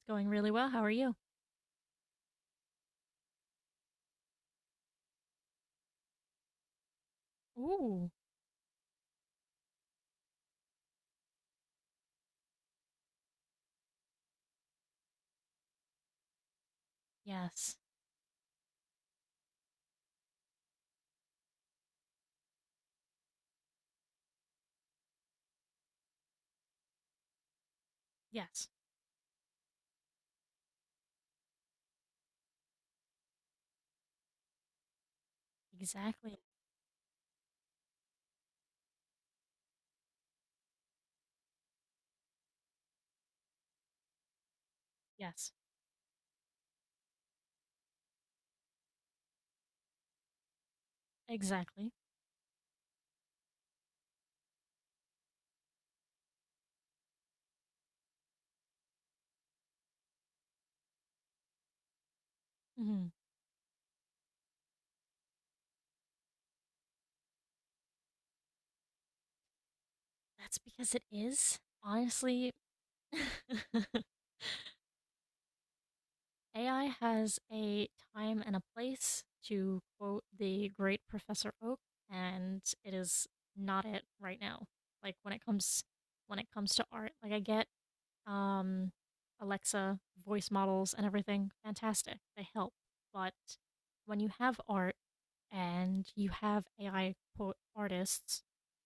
It's going really well. How are you? Ooh. Yes. Yes. Exactly. Yes. Exactly. Hmm. That's because it is. Honestly, AI has a time and a place, to quote the great Professor Oak, and it is not it right now. Like when it comes to art, like I get um Alexa voice models and everything, fantastic. They help. But when you have art and you have AI quote artists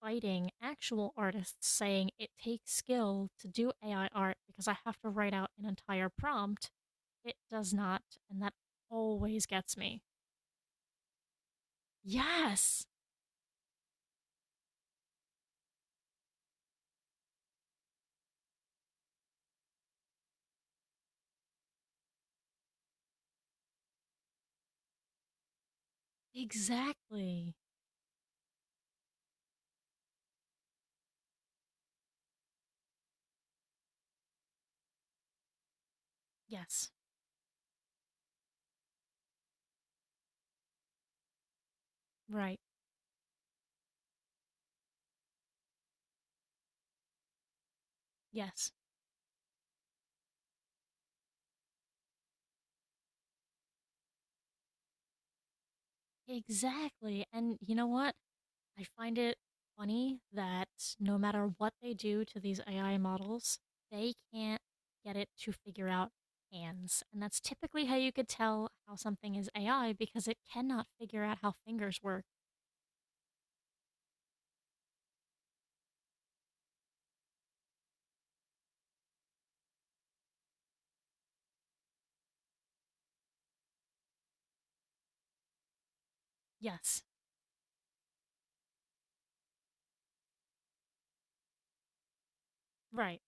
fighting actual artists saying it takes skill to do AI art because I have to write out an entire prompt. It does not, and that always gets me. Yes, exactly. Yes, right. Yes, exactly. And you know what? I find it funny that no matter what they do to these AI models, they can't get it to figure out hands. And that's typically how you could tell how something is AI because it cannot figure out how fingers work. Yes. Right.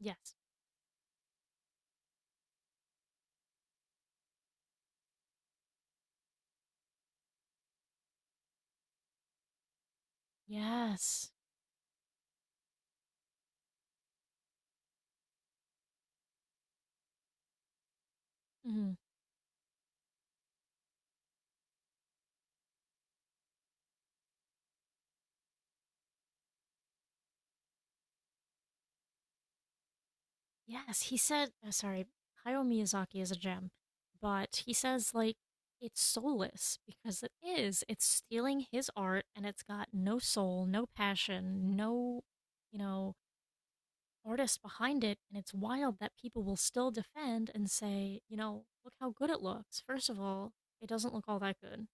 Yes. Yes. Hmm. Yes. He said, oh, sorry, Hayao Miyazaki is a gem, but he says, like, it's soulless because it is. It's stealing his art and it's got no soul, no passion, no, you know, artist behind it, and it's wild that people will still defend and say, look how good it looks. First of all, it doesn't look all that good.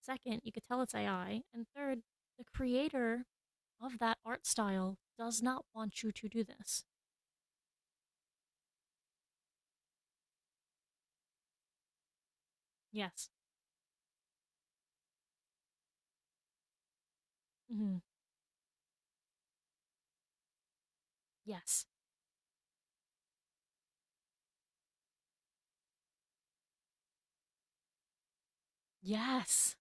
Second, you could tell it's AI. And third, the creator of that art style does not want you to do this. Yes. Hmm. Yes. Yes.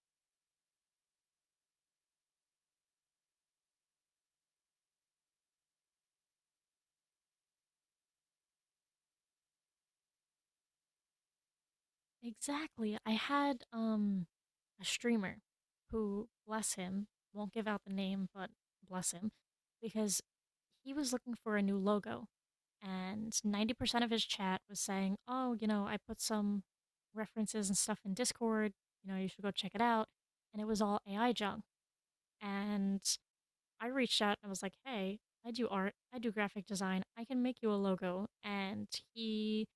Exactly. I had a streamer who, bless him, won't give out the name, but bless him, because he was looking for a new logo and 90% of his chat was saying, "Oh, you know, I put some references and stuff in Discord, you know, you should go check it out." And it was all AI junk. And I reached out and was like, "Hey, I do art, I do graphic design. I can make you a logo." And he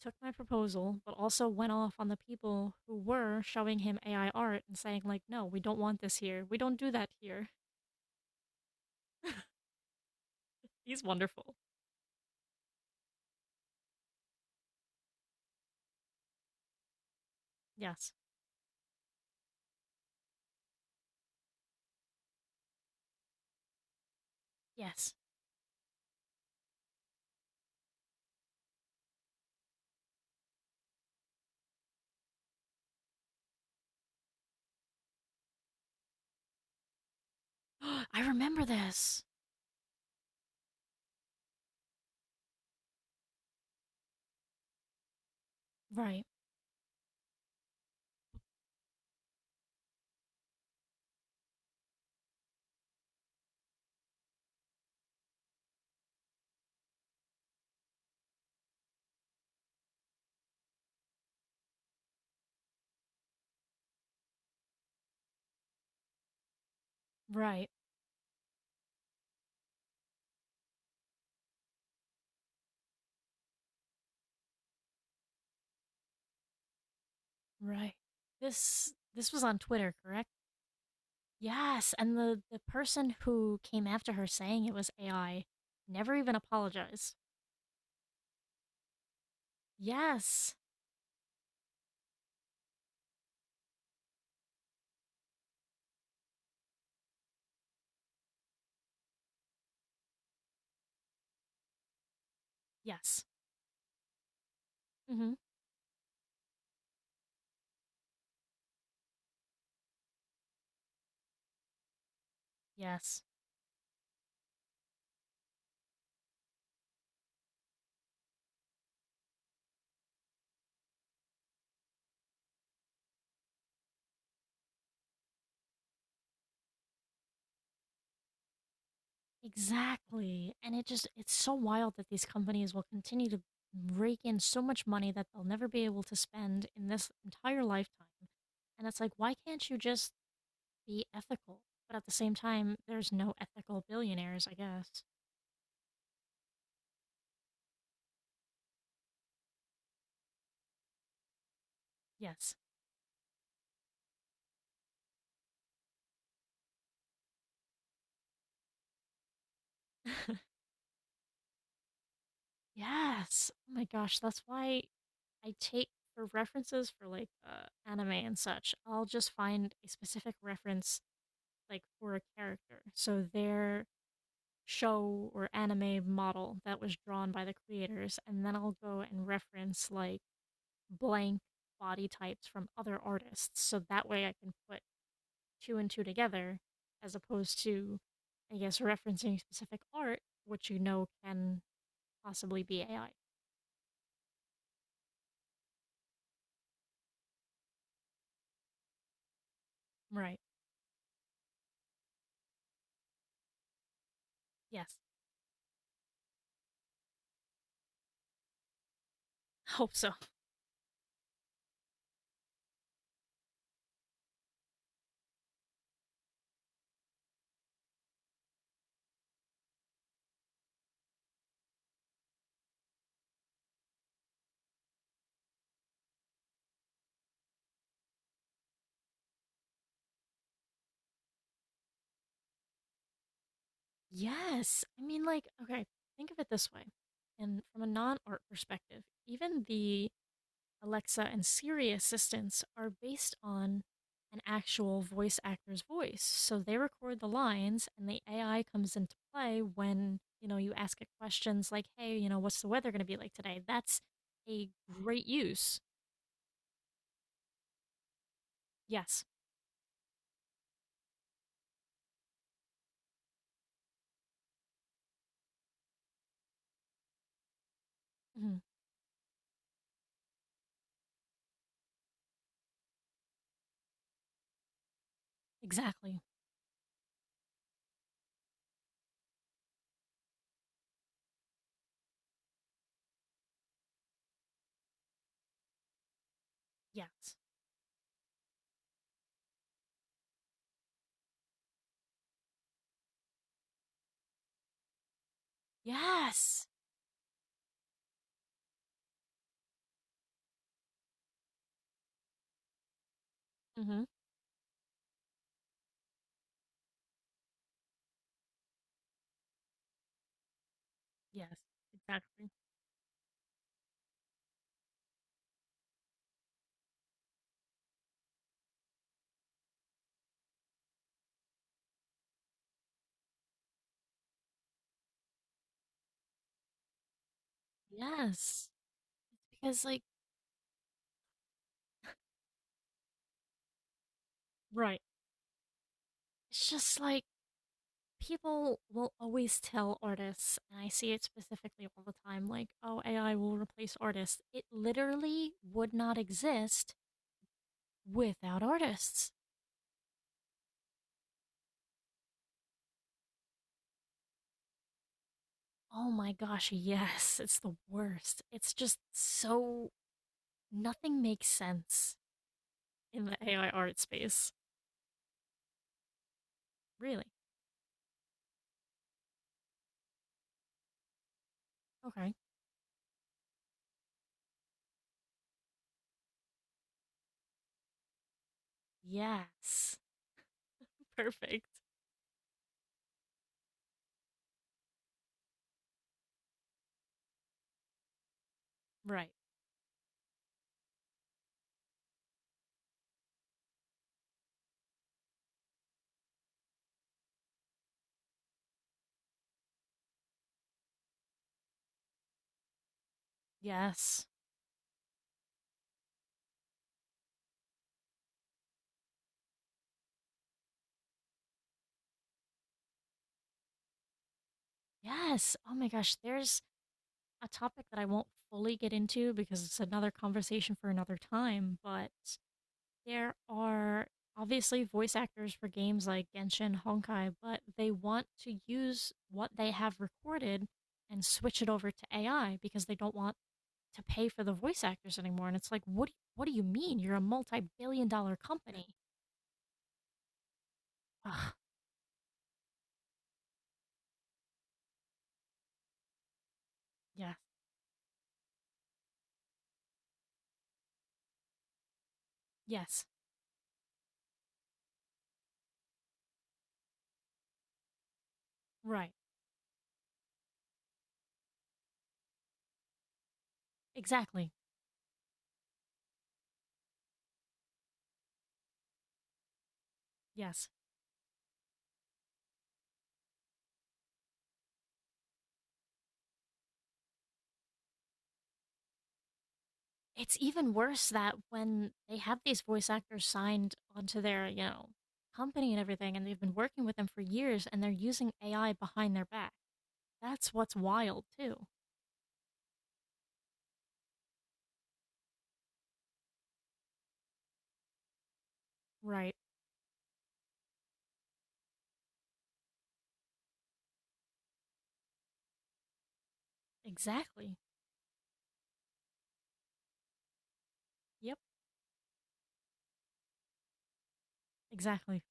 took my proposal, but also went off on the people who were showing him AI art and saying like, "No, we don't want this here. We don't do that here." He's wonderful. Yes. Yes. I remember this. Right. Right. Right. This was on Twitter, correct? Yes, and the person who came after her saying it was AI never even apologized. Yes. Yes. Mhm. Yes. Exactly. And it's so wild that these companies will continue to rake in so much money that they'll never be able to spend in this entire lifetime. And it's like, why can't you just be ethical? But at the same time, there's no ethical billionaires, I guess. Yes. Yes. Oh my gosh, that's why I take for references for like anime and such. I'll just find a specific reference like for a character. So their show or anime model that was drawn by the creators, and then I'll go and reference like blank body types from other artists. So that way I can put two and two together as opposed to I guess referencing specific art, which you know can possibly be AI. Right. Yes. Hope so. Yes. I mean, like, okay, think of it this way. And from a non art perspective, even the Alexa and Siri assistants are based on an actual voice actor's voice. So they record the lines and the AI comes into play when, you ask it questions like, hey, what's the weather going to be like today? That's a great use. Yes. Hmm. Exactly. Yes. Yes. Hmm. Yes. Exactly. Yes. Because, like. Right. It's just like people will always tell artists, and I see it specifically all the time, like, oh, AI will replace artists. It literally would not exist without artists. Oh my gosh, yes, it's the worst. It's just so nothing makes sense in the AI art space. Really? Okay. Yes. Perfect. Right. Yes. Yes. Oh my gosh, there's a topic that I won't fully get into because it's another conversation for another time, but there are obviously voice actors for games like Genshin, Honkai, but they want to use what they have recorded and switch it over to AI because they don't want to pay for the voice actors anymore. And it's like, what do you mean? You're a multi-billion dollar company. Ugh, yeah. Yes. Right. Exactly. Yes. It's even worse that when they have these voice actors signed onto their, company and everything, and they've been working with them for years, and they're using AI behind their back. That's what's wild, too. Right. Exactly. Yep. Exactly.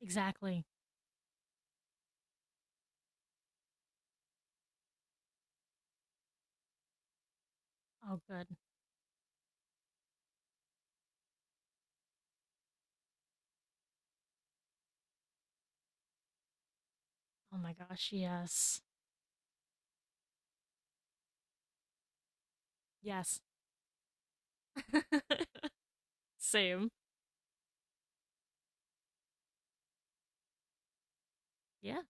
Exactly. Oh, good. Oh my gosh. Yes. Yes. Same. Yeah.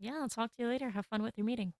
Yeah. I'll talk to you later. Have fun with your meeting.